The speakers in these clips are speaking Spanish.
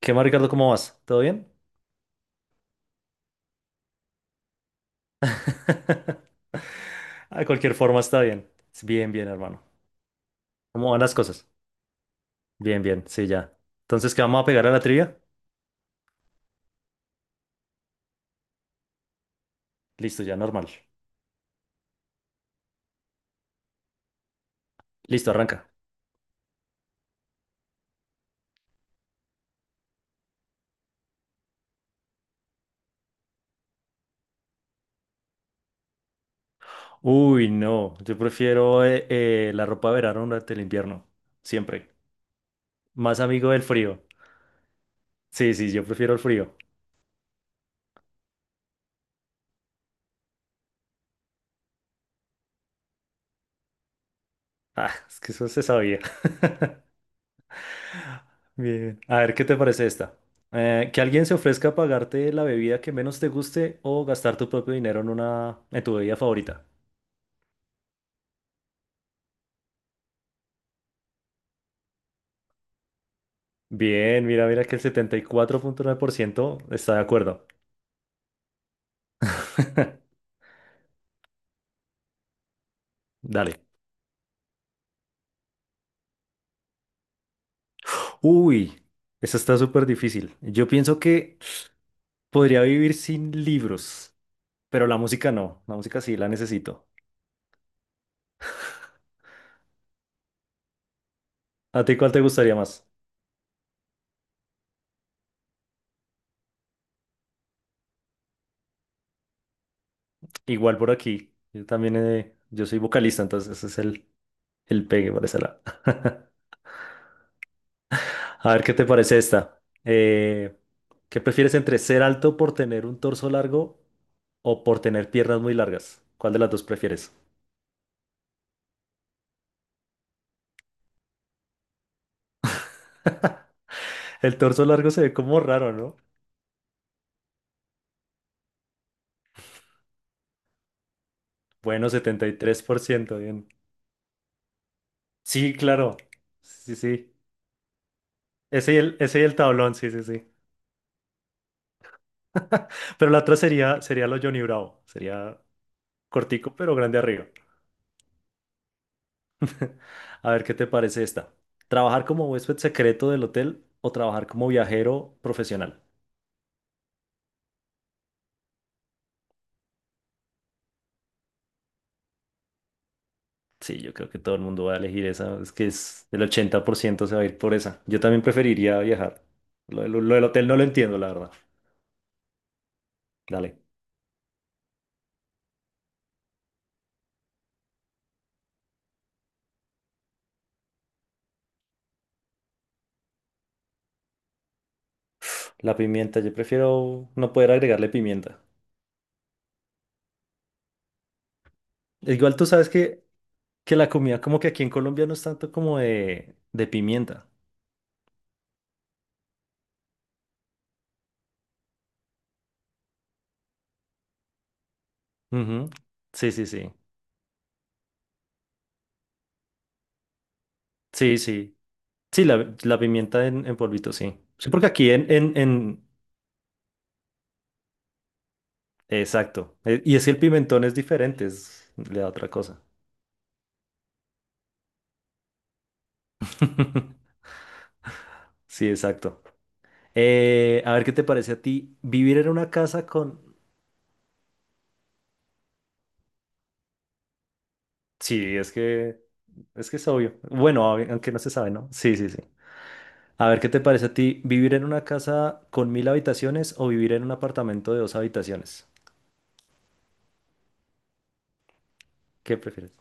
¿Qué más, Ricardo? ¿Cómo vas? ¿Todo bien? De cualquier forma, está bien. Bien, bien, hermano. ¿Cómo van las cosas? Bien, bien, sí, ya. Entonces, ¿qué vamos a pegar a la trivia? Listo, ya, normal. Listo, arranca. Uy, no, yo prefiero la ropa de verano durante el invierno, siempre. Más amigo del frío. Sí, sí, yo prefiero el frío. Ah, es que eso se sabía. Bien. A ver, ¿qué te parece esta? Que alguien se ofrezca a pagarte la bebida que menos te guste o gastar tu propio dinero en en tu bebida favorita. Bien, mira, mira que el 74,9% está de acuerdo. Dale. Uy, esa está súper difícil. Yo pienso que podría vivir sin libros, pero la música no. La música sí la necesito. ¿A ti cuál te gustaría más? Igual por aquí. Yo también, yo soy vocalista, entonces ese es el pegue por ese lado. A ver qué te parece esta. ¿Qué prefieres entre ser alto por tener un torso largo o por tener piernas muy largas? ¿Cuál de las dos prefieres? El torso largo se ve como raro, ¿no? Bueno, 73% bien. Sí, claro. Sí, sí. Ese y el tablón, sí, sí, sí. Pero la otra sería, sería lo Johnny Bravo. Sería cortico, pero grande arriba. A ver qué te parece esta. ¿Trabajar como huésped secreto del hotel o trabajar como viajero profesional? Sí, yo creo que todo el mundo va a elegir esa. Es que es el 80% se va a ir por esa. Yo también preferiría viajar. Lo del hotel no lo entiendo, la verdad. Dale. La pimienta, yo prefiero no poder agregarle pimienta. Igual tú sabes que la comida como que aquí en Colombia no es tanto como de pimienta. Ujú. Sí, sí, sí. Sí, sí. Sí, la pimienta en polvito, sí. Sí, porque aquí exacto. Y es que el pimentón es diferente, le da otra cosa. Sí, exacto. A ver qué te parece a ti vivir en una casa con... Sí, es que es obvio. Bueno, aunque no se sabe, ¿no? Sí, sí, sí. A ver qué te parece a ti vivir en una casa con 1.000 habitaciones o vivir en un apartamento de dos habitaciones. ¿Qué prefieres?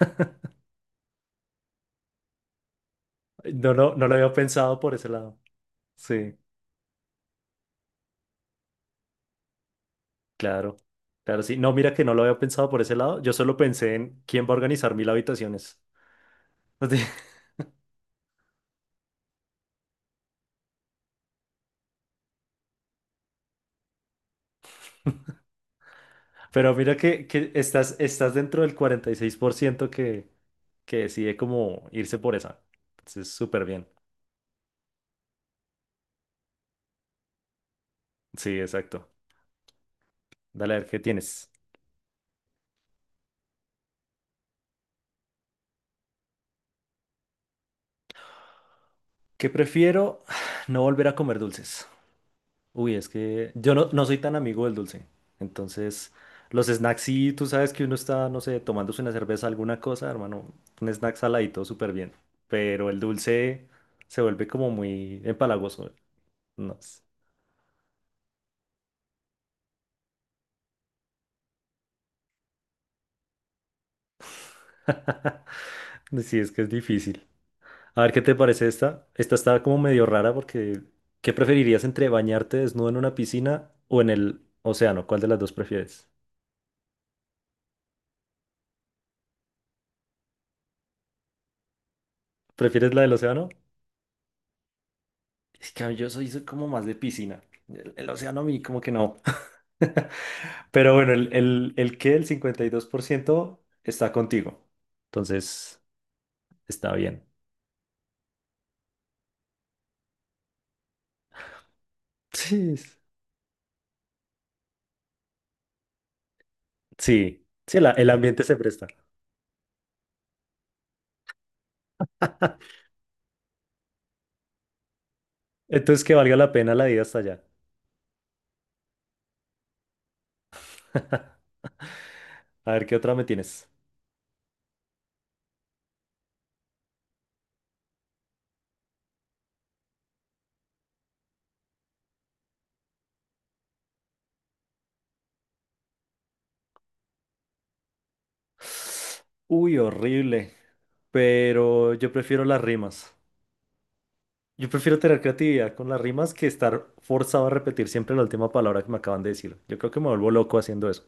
No, no, no lo había pensado por ese lado. Sí, claro. Claro, sí. No, mira que no lo había pensado por ese lado. Yo solo pensé en quién va a organizar 1.000 habitaciones. Pero mira que estás, estás dentro del 46% que decide como irse por esa. Entonces, súper bien. Sí, exacto. Dale a ver qué tienes. ¿Qué prefiero? No volver a comer dulces. Uy, es que yo no, no soy tan amigo del dulce. Entonces, los snacks, sí, tú sabes que uno está, no sé, tomándose una cerveza, alguna cosa, hermano. Un snack saladito, súper bien. Pero el dulce se vuelve como muy empalagoso. No sé. Sí, es que es difícil. A ver, ¿qué te parece esta? Esta está como medio rara porque ¿qué preferirías entre bañarte desnudo en una piscina o en el océano? ¿Cuál de las dos prefieres? ¿Prefieres la del océano? Es que yo soy, soy como más de piscina. El océano a mí como que no. Pero bueno, el que el 52% está contigo. Entonces, está bien. Sí, sí, sí, el ambiente se presta. Entonces, que valga la pena la ida hasta allá. A ver, ¿qué otra me tienes? Uy, horrible. Pero yo prefiero las rimas. Yo prefiero tener creatividad con las rimas que estar forzado a repetir siempre la última palabra que me acaban de decir. Yo creo que me vuelvo loco haciendo eso.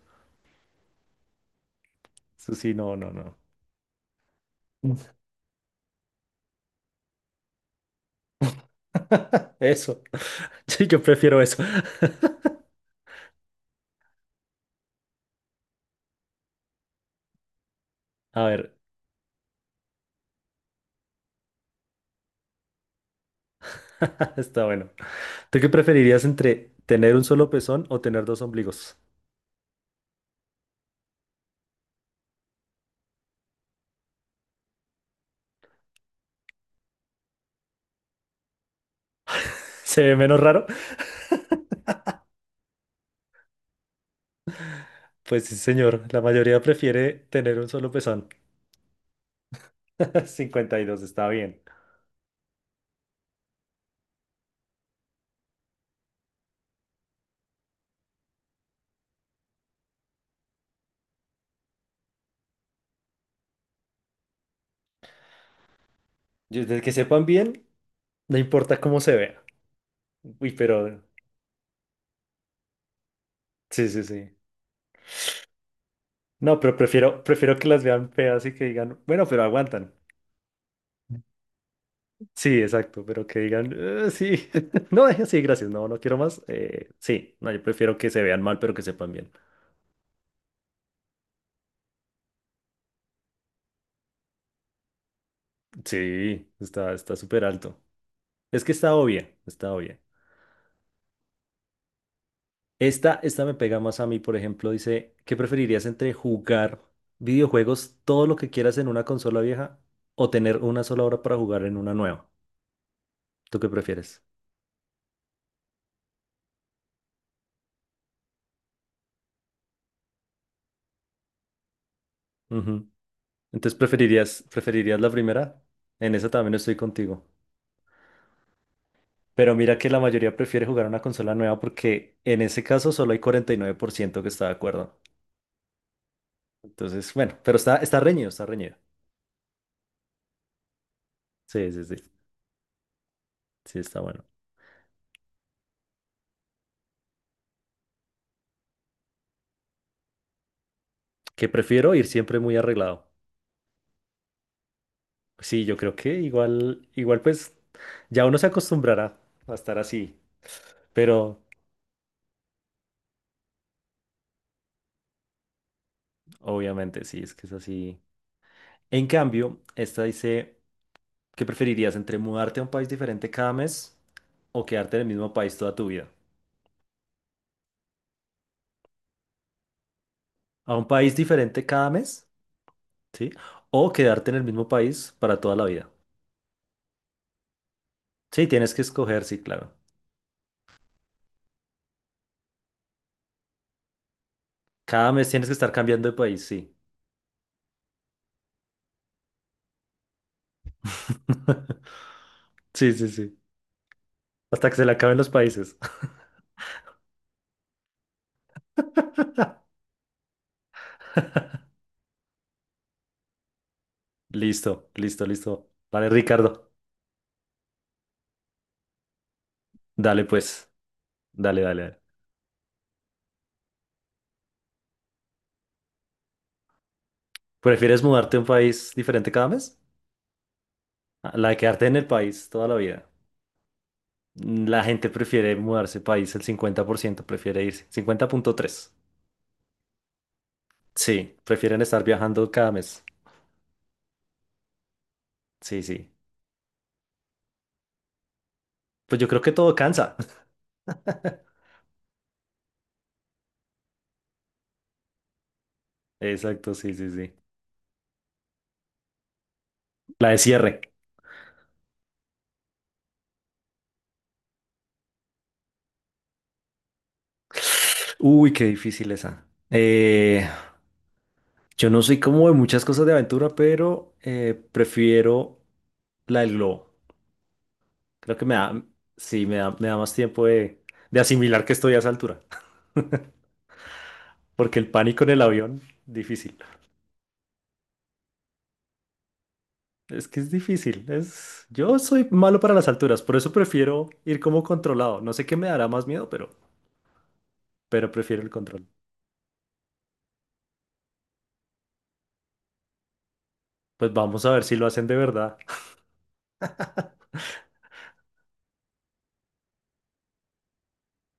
Eso sí, no, no, no. Eso. Sí, yo prefiero eso. A ver, está bueno. ¿Tú qué preferirías entre tener un solo pezón o tener dos ombligos? ¿Se ve menos raro? Pues sí, señor. La mayoría prefiere tener un solo pezón. 52 está bien. Yo- desde que sepan bien, no importa cómo se vea. Uy, pero sí, sí, sí. No, pero prefiero, prefiero que las vean feas y que digan, bueno, pero aguantan. Sí, exacto, pero que digan, sí, no, sí, gracias, no, no quiero más." Sí, no, yo prefiero que se vean mal, pero que sepan bien. Sí, está, está súper alto. Es que está obvia, está obvia. Esta me pega más a mí, por ejemplo, dice, ¿qué preferirías entre jugar videojuegos todo lo que quieras en una consola vieja o tener una sola hora para jugar en una nueva? ¿Tú qué prefieres? Ujú. Entonces, ¿preferirías, preferirías la primera? En esa también estoy contigo. Pero mira que la mayoría prefiere jugar a una consola nueva porque en ese caso solo hay 49% que está de acuerdo. Entonces, bueno, pero está, está reñido, está reñido. Sí, sí, sí. Sí, está bueno. Que prefiero ir siempre muy arreglado. Sí, yo creo que igual, igual pues ya uno se acostumbrará a estar así. Pero obviamente sí, es que es así. En cambio, esta dice. ¿Qué preferirías entre mudarte a un país diferente cada mes o quedarte en el mismo país toda tu vida? ¿A un país diferente cada mes? ¿Sí? ¿O quedarte en el mismo país para toda la vida? Sí, tienes que escoger, sí, claro. Cada mes tienes que estar cambiando de país, sí. Sí, sí, sí. Hasta que se le acaben los países. Listo, listo, listo. Vale, Ricardo. Dale, pues. Dale, dale, dale. ¿Prefieres mudarte a un país diferente cada mes? Ah, la de quedarte en el país toda la vida. La gente prefiere mudarse de país, el 50% prefiere irse. 50,3. Sí, prefieren estar viajando cada mes. Sí, sí. Pues yo creo que todo cansa. Exacto, sí, sí, sí. La de cierre. Uy, qué difícil esa. Yo no soy como de muchas cosas de aventura, pero prefiero la del globo. Creo que me da, sí, me da más tiempo de asimilar que estoy a esa altura. Porque el pánico en el avión, difícil. Es que es difícil, es... Yo soy malo para las alturas, por eso prefiero ir como controlado. No sé qué me dará más miedo, pero prefiero el control. Pues vamos a ver si lo hacen de verdad.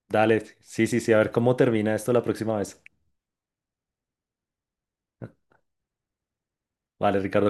Dale, sí, sí, sí, a ver cómo termina esto la próxima vez. Vale, Ricardo.